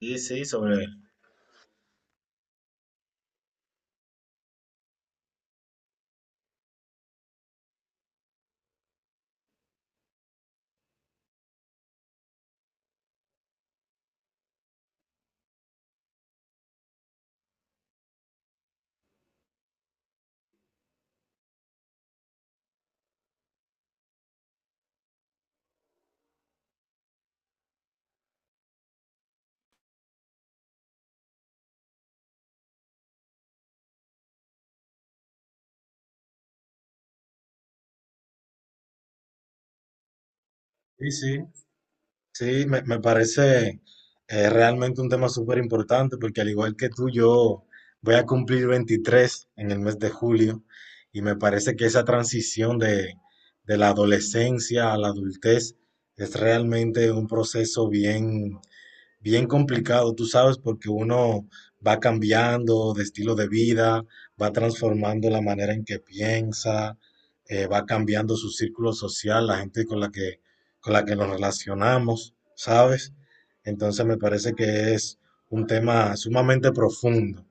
Sí, sí, Sí, sí, sí, me parece realmente un tema súper importante porque al igual que tú, yo voy a cumplir 23 en el mes de julio y me parece que esa transición de la adolescencia a la adultez es realmente un proceso bien bien complicado, tú sabes, porque uno va cambiando de estilo de vida, va transformando la manera en que piensa, va cambiando su círculo social, la gente con la que nos relacionamos, ¿sabes? Entonces me parece que es un tema sumamente profundo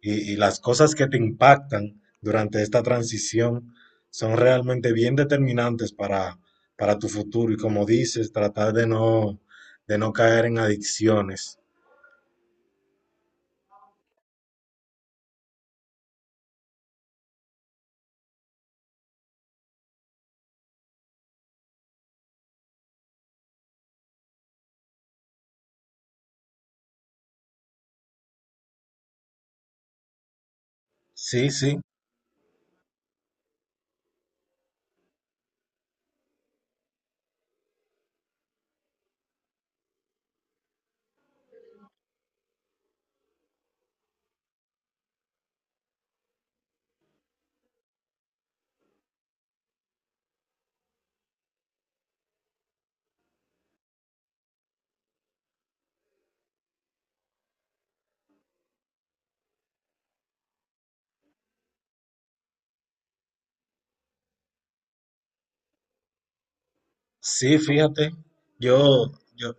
y las cosas que te impactan durante esta transición son realmente bien determinantes para tu futuro y como dices, tratar de no caer en adicciones. Sí, sí. Sí, fíjate, yo, yo,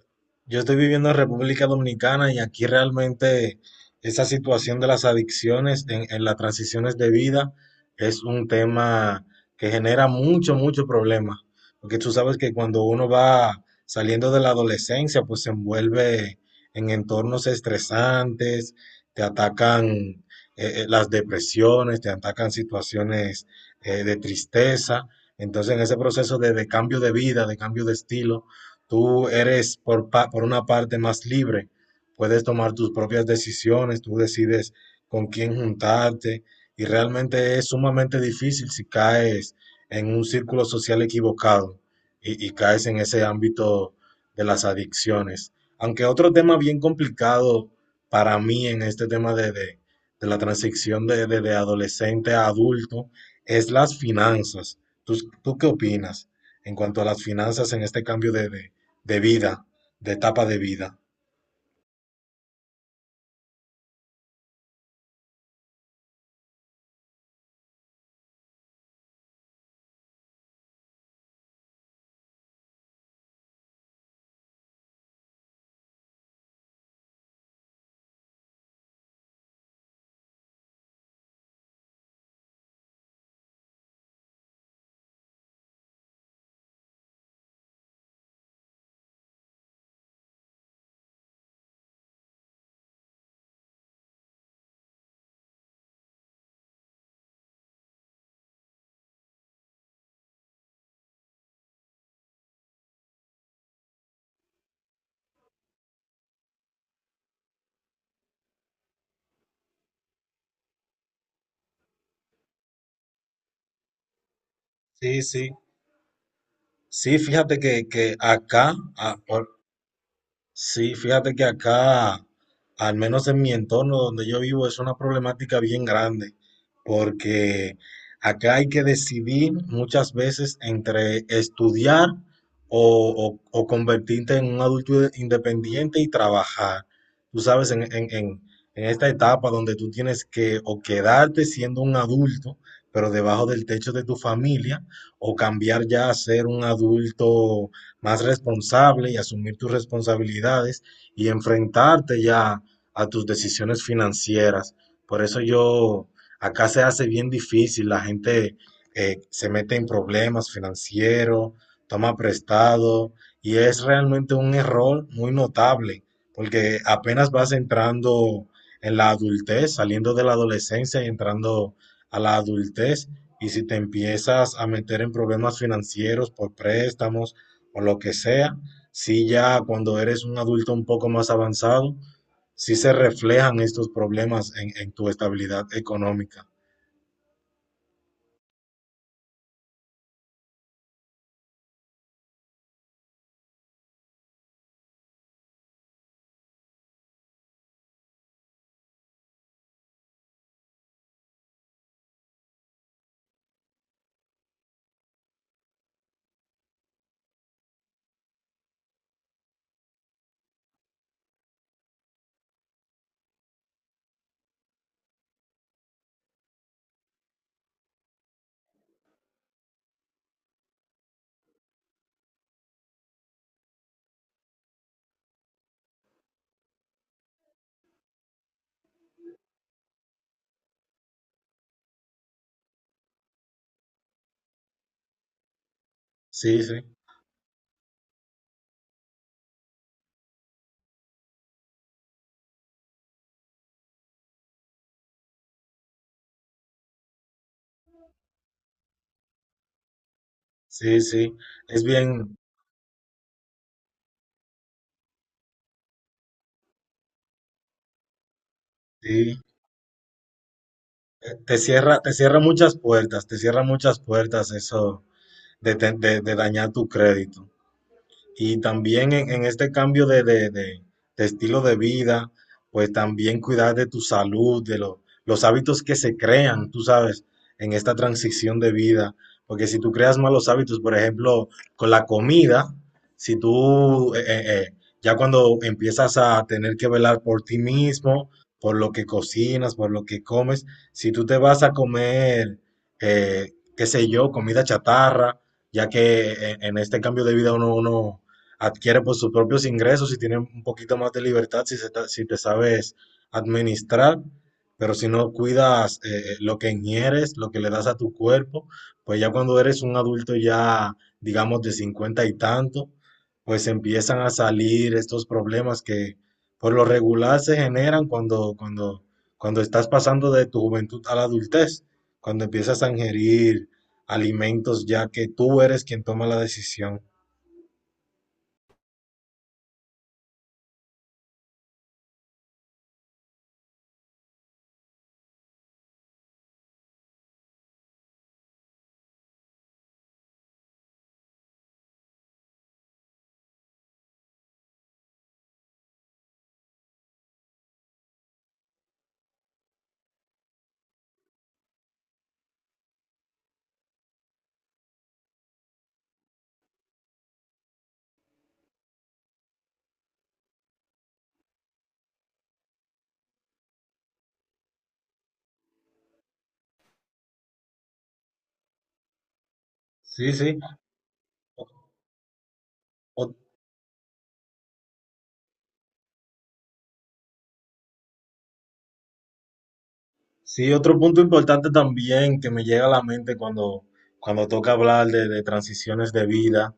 yo estoy viviendo en República Dominicana y aquí realmente esa situación de las adicciones en las transiciones de vida es un tema que genera mucho, mucho problema. Porque tú sabes que cuando uno va saliendo de la adolescencia, pues se envuelve en entornos estresantes, te atacan las depresiones, te atacan situaciones de tristeza. Entonces, en ese proceso de cambio de vida, de cambio de estilo, tú eres por una parte más libre, puedes tomar tus propias decisiones, tú decides con quién juntarte y realmente es sumamente difícil si caes en un círculo social equivocado y caes en ese ámbito de las adicciones. Aunque otro tema bien complicado para mí en este tema de la transición de adolescente a adulto es las finanzas. ¿Tú, tú qué opinas en cuanto a las finanzas en este cambio de vida, de etapa de vida? Sí, sí. Sí, fíjate que acá. Sí, fíjate que acá, al menos en mi entorno donde yo vivo, es una problemática bien grande, porque acá hay que decidir muchas veces entre estudiar o convertirte en un adulto independiente y trabajar. Tú sabes, en esta etapa donde tú tienes que o quedarte siendo un adulto, pero debajo del techo de tu familia, o cambiar ya a ser un adulto más responsable y asumir tus responsabilidades y enfrentarte ya a tus decisiones financieras. Por eso yo, acá se hace bien difícil, la gente se mete en problemas financieros, toma prestado y es realmente un error muy notable porque apenas vas entrando en la adultez, saliendo de la adolescencia y entrando a la adultez. Y si te empiezas a meter en problemas financieros por préstamos, o lo que sea, sí ya cuando eres un adulto un poco más avanzado, sí se reflejan estos problemas en tu estabilidad económica. Sí, sí, sí, sí. Es bien, sí. Te cierra muchas puertas, te cierra muchas puertas eso de dañar tu crédito. Y también en este cambio de estilo de vida, pues también cuidar de tu salud, de los hábitos que se crean, tú sabes, en esta transición de vida. Porque si tú creas malos hábitos, por ejemplo, con la comida, si tú ya cuando empiezas a tener que velar por ti mismo, por lo que cocinas, por lo que comes, si tú te vas a comer, qué sé yo, comida chatarra, ya que en este cambio de vida uno adquiere por sus propios ingresos y tiene un poquito más de libertad si te sabes administrar, pero si no cuidas lo que ingieres, lo que le das a tu cuerpo, pues ya cuando eres un adulto ya, digamos, de 50 y tanto, pues empiezan a salir estos problemas que por lo regular se generan cuando estás pasando de tu juventud a la adultez, cuando empiezas a ingerir alimentos ya que tú eres quien toma la decisión. Sí, sí. Ot- Sí, otro punto importante también que me llega a la mente cuando toca hablar de transiciones de vida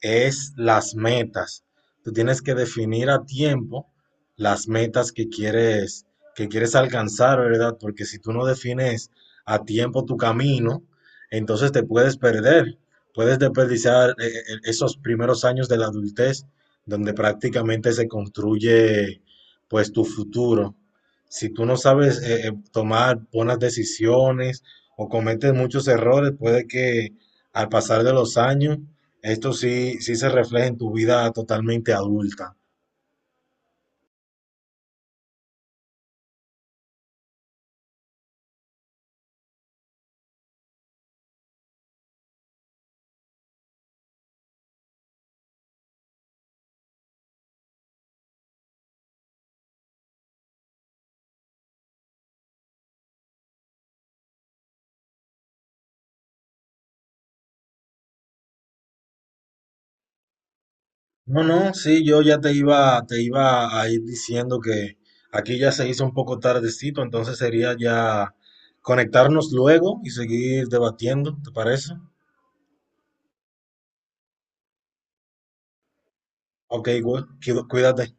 es las metas. Tú tienes que definir a tiempo las metas que quieres alcanzar, ¿verdad? Porque si tú no defines a tiempo tu camino, entonces te puedes perder, puedes desperdiciar esos primeros años de la adultez donde prácticamente se construye pues tu futuro. Si tú no sabes tomar buenas decisiones o cometes muchos errores, puede que al pasar de los años esto sí, sí se refleja en tu vida totalmente adulta. No, no, sí, yo ya te iba a ir diciendo que aquí ya se hizo un poco tardecito, entonces sería ya conectarnos luego y seguir debatiendo, ¿te parece? Ok, güey, cuídate.